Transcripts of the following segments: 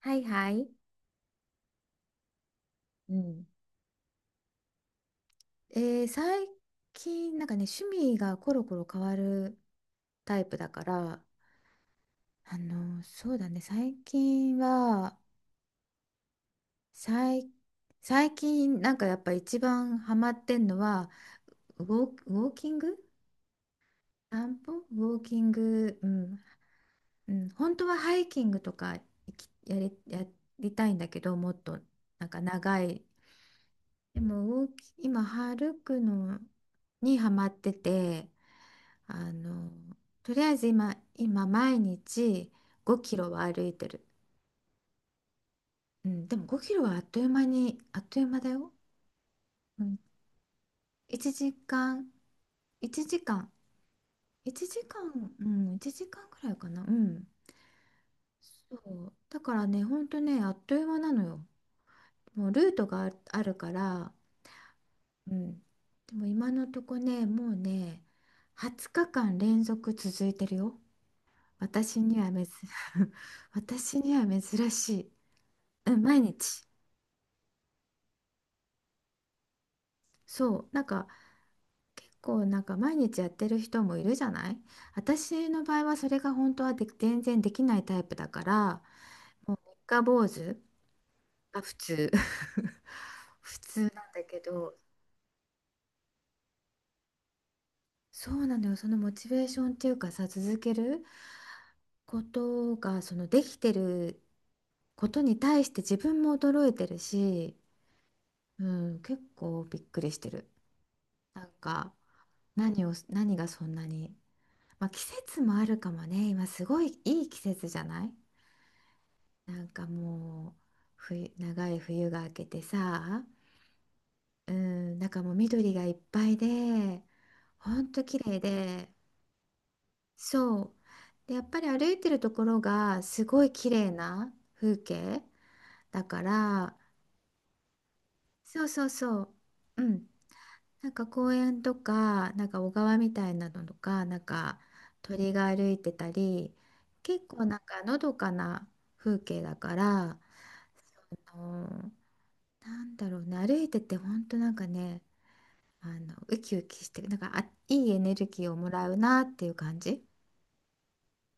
はいはい。うん。最近なんかね、趣味がコロコロ変わるタイプだから。そうだね、最近は最、最近なんかやっぱ一番ハマってんのはウォーキング、散歩ウォーキング、うん、うん、本当はハイキングとか行きやり、やりたいんだけど、もっとなんか長い。でもウォーキ今歩くのにハマってて。あのとりあえず今毎日5キロは歩いてる。うん、でも5キロはあっという間にあっという間だよ。うん、1時間1時間1時間、うん、1時間くらいかな。うん、そうだからね、ほんとね、あっという間なのよ。もうルートがああるから。うん、でも今のとこね、もうね20日間連続続いてるよ。私には珍 私には珍しい。うん、毎日。そう。なんか、結構なんか毎日やってる人もいるじゃない？私の場合はそれが本当はで全然できないタイプだから、もう三日坊主が普通 普通なんだけど、そうなのよ。そのモチベーションっていうかさ、続けることが、そのできてることに対して自分も驚いてるし、うん、結構びっくりしてる。なんか、何を、何がそんなに。まあ、季節もあるかもね。今すごいいい季節じゃない？なんかもう長い冬が明けてさ、うん、なんかもう緑がいっぱいで、ほんと綺麗で、そう。で、やっぱり歩いてるところがすごい綺麗な風景だから、そうそうそう。うん、なんか公園とか、なんか小川みたいなのとか、なんか鳥が歩いてたり、結構なんかのどかな風景だから、その、なんだろうね、歩いてて本当なんかね、ウキウキして、なんかあ、いいエネルギーをもらうなっていう感じ。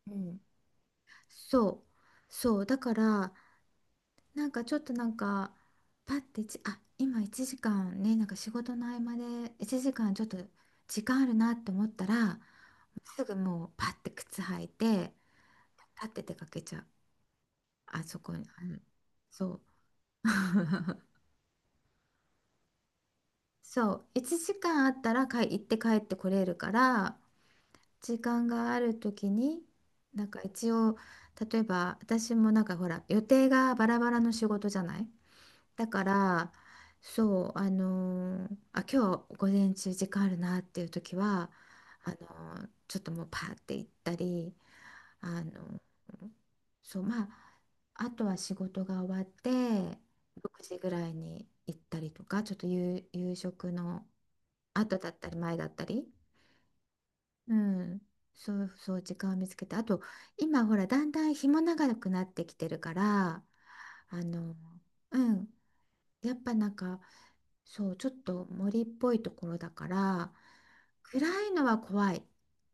うん。そうそう、だからなんかちょっとなんかパッて今1時間ね、なんか仕事の合間で1時間ちょっと時間あるなって思ったら、すぐもうパッて靴履いて、立って出かけちゃう、あそこに、そう そう、1時間あったら行って帰ってこれるから、時間がある時になんか一応、例えば私もなんかほら予定がバラバラの仕事じゃない。だから、そう、今日午前中時間あるなっていう時は、あのちょっともうパーって行ったり、あのそう、まあ、あとは仕事が終わって、6時ぐらいに行ったりとか、ちょっと夕食の後だったり前だったり、うん、そうそう、時間を見つけて、あと、今ほら、だんだん日も長くなってきてるから、あの、うん、やっぱなんか、そう、ちょっと森っぽいところだから、暗いのは怖い。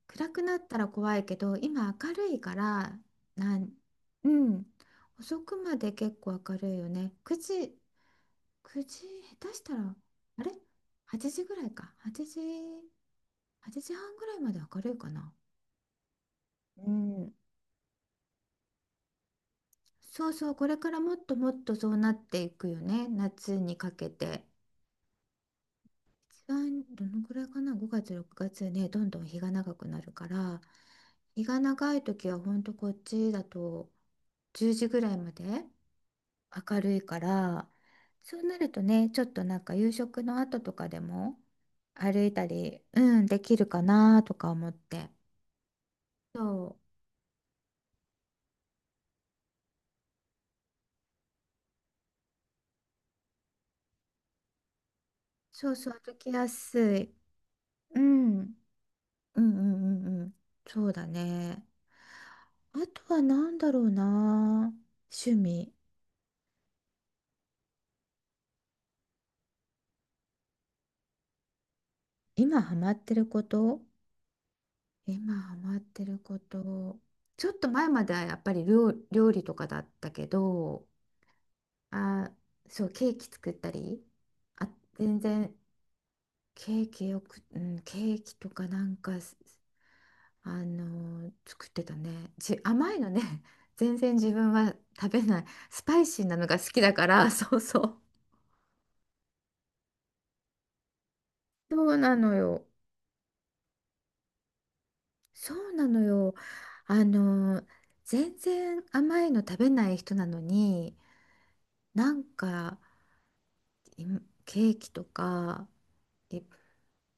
暗くなったら怖いけど、今明るいから、なん、うん、遅くまで結構明るいよね。9時、下手したら、あれ？ 8 時ぐらいか。8時、8時半ぐらいまで明るいかな。うん。そうそう、これからもっともっとそうなっていくよね。夏にかけて。一番どのくらいかな、5月、6月ね、どんどん日が長くなるから、日が長い時はほんとこっちだと10時ぐらいまで明るいから、そうなるとね、ちょっとなんか夕食の後とかでも歩いたり、うん、できるかなとか思って、そうそうそう、歩きやすい。うん、うんうんうんうん、そうだね、あとは何だろうな、趣味。今ハマってること。今ハマってること。ちょっと前まではやっぱり料理とかだったけど、あ、そう、ケーキ作ったり、あ、全然ケーキよく、うん、ケーキとかなんか作ってたね。じ、甘いのね、全然自分は食べない。スパイシーなのが好きだから、そうそう。そうなのよ。そうなのよ。あのー全然甘いの食べない人なのに、なんかいケーキとか、いっ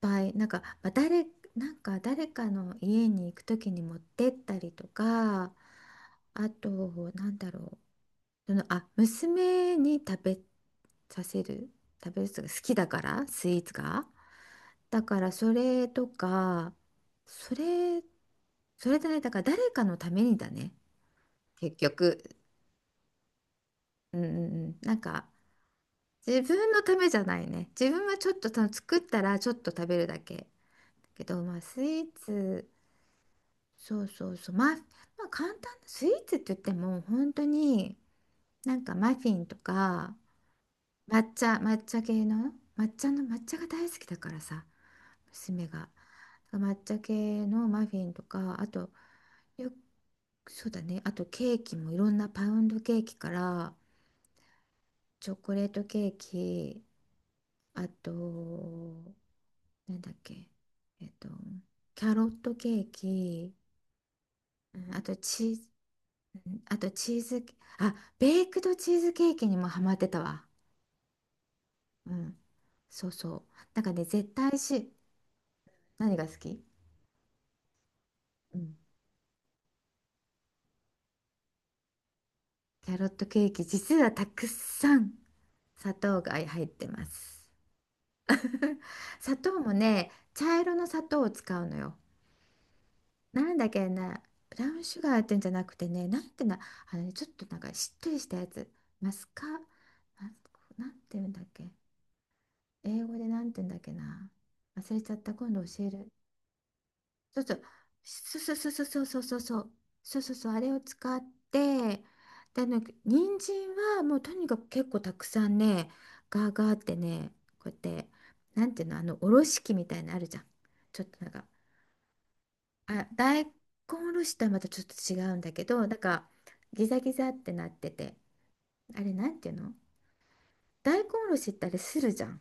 ぱいなんか、まあ誰、なんか誰かの家に行く時に持ってったりとか、あと、なんだろう、その、あ、娘に食べさせる、食べる人が好きだからスイーツが、だからそれとか、それ、それだね、だから誰かのためにだね、結局、うんうんうん、なんか自分のためじゃないね。自分はちょっと作ったらちょっと食べるだけ。だけど、まあスイーツ、そうそうそう、まあ、まあ簡単なスイーツって言っても本当になんかマフィンとか、抹茶の抹茶が大好きだからさ、娘が。抹茶系のマフィンとか、あと、よ、そうだね、あとケーキもいろんなパウンドケーキから、チョコレートケーキ、あとなんだっけ、えっと、キャロットケーキ、うん、あとチーズ、うん、あとチーズ、あ、ベイクドチーズケーキにもハマってたわ。うん。そうそう。なんかね、絶対し、何が好き？うん。キャロットケーキ、実はたくさん砂糖が入ってます。砂糖もね、茶色の砂糖を使うのよ。なんだっけな、ブラウンシュガーってんじゃなくてね、なんてな、あのね、ちょっとなんかしっとりしたやつ、マスなんて言うんだっけ、英語でなんて言うんだっけな、忘れちゃった、今度教える。そうそう、そうそうそうそうそうそうそう、そうそうそう、あれを使って、で、あの人参はもうとにかく結構たくさんね、ガーガーってね、こうやって、なんていうの、あの、おろし器みたいなのあるじゃん。ちょっとなんか、あ、大根おろしとはまたちょっと違うんだけど、なんかギザギザってなってて、あれなんていうの、大根おろしってあれするじゃん。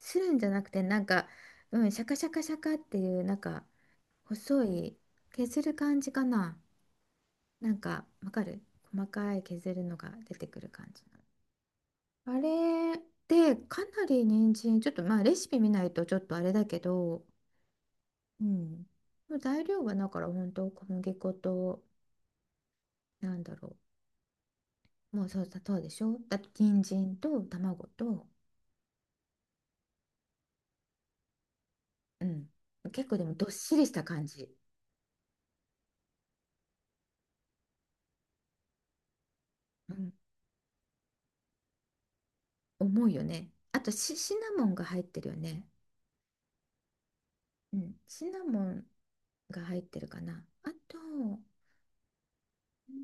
するんじゃなくて、なんか、うん、シャカシャカシャカっていう、なんか細い、削る感じかな。なんか、わかる？細かい削るのが出てくる感じ、あれで、かなり人参、ちょっとまあレシピ見ないとちょっとあれだけど、うん。もう材料はだから本当小麦粉と、なんだろう。もうそう、砂糖でしょ、だって人参と卵と、うん。結構でもどっしりした感じ。うん。重いよね。あとシナモンが入ってるよね。うん。シナモンが入ってるかな。あと、うん、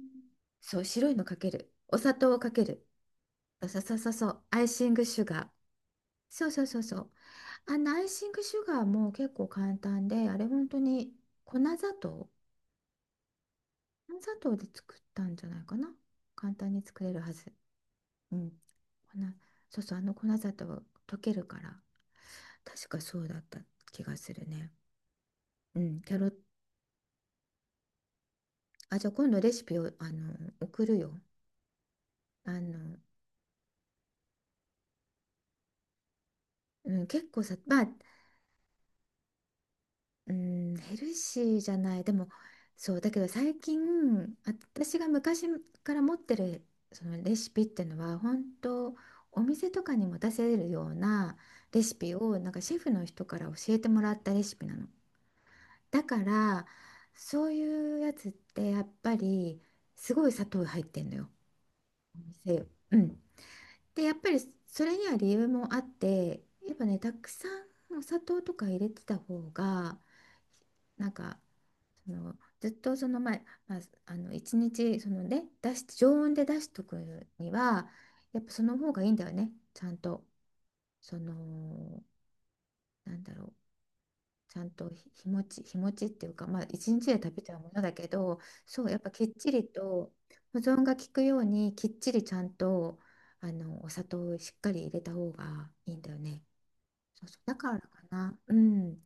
そう、白いのかける。お砂糖をかける。そうそうそうそう、アイシングシュガー。そうそうそうそう。あのアイシングシュガーも結構簡単で、あれ本当に粉砂糖。粉砂糖で作ったんじゃないかな。簡単に作れるはず。うん、粉、そうそう、あの粉砂糖溶けるから、確かそうだった気がするね。うん、キャロ、あ、じゃあ今度レシピを、送るよ。あの、うん、結構さ、まあ、うん、ヘルシーじゃない、でも、そう、だけど最近、あ、私が昔から持ってるそのレシピっていうのは、本当お店とかにも出せるようなレシピを、なんかシェフの人から教えてもらったレシピなの。だから、そういうやつってやっぱりすごい砂糖入ってんのよ。お店、うん、でやっぱり、それには理由もあって、やっぱね、たくさんお砂糖とか入れてた方が、なんか、そのずっとその前、まあ、あの一日、そのね、出し常温で出しとくには、やっぱその方がいいんだよね、ちゃんと、その、なんだろう、ちゃんと日持ちっていうか、まあ、一日で食べちゃうものだけど、そう、やっぱきっちりと、保存が効くように、きっちりちゃんと、あのお砂糖をしっかり入れた方がいいんだよね。そうそう、だからかな。うん。だ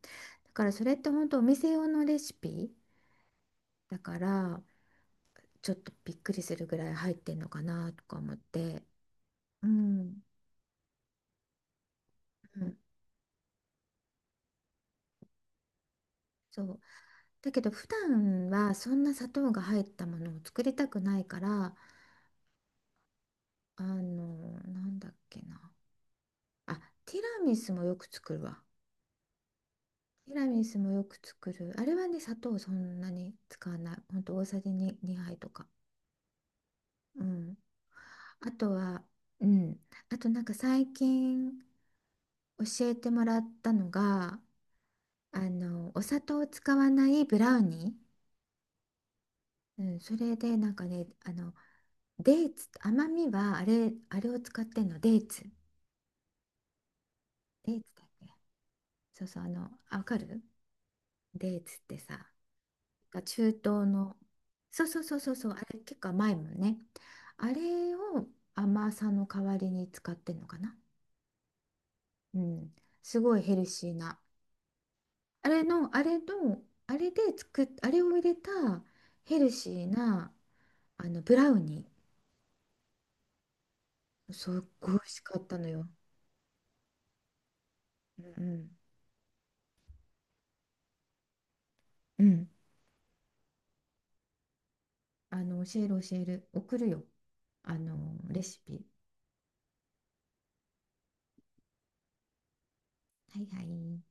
からそれって本当お店用のレシピだから、ちょっとびっくりするぐらい入ってんのかなとか思って。うん。うん、そう。だけど普段はそんな砂糖が入ったものを作りたくないから、あの、なんだっけな。あ、ティラミスもよく作るわ。ティラミスもよく作る。あれはね、砂糖そんなに使わない。ほんと大さじ2杯とか。うん。あとは、うん。あとなんか最近教えてもらったのが、あの、お砂糖を使わないブラウニー。うん、それでなんかね、あの、デーツ、甘みはあれ、あれを使ってんの、デーツ。デーツだっけ？そうそう、あの、あ、わかる？デーツってさ、が中東の、そうそうそうそうそう、あれ結構甘いもんね。あれを甘さの代わりに使ってんのかな。うん、すごいヘルシーな、あれの、あれの、あれで作っ、あれを入れたヘルシーなあのブラウニー、すっごい美味しかったのよ。うんうん、うん、あの、教える教える、送るよ、あのレシピ。はいはい。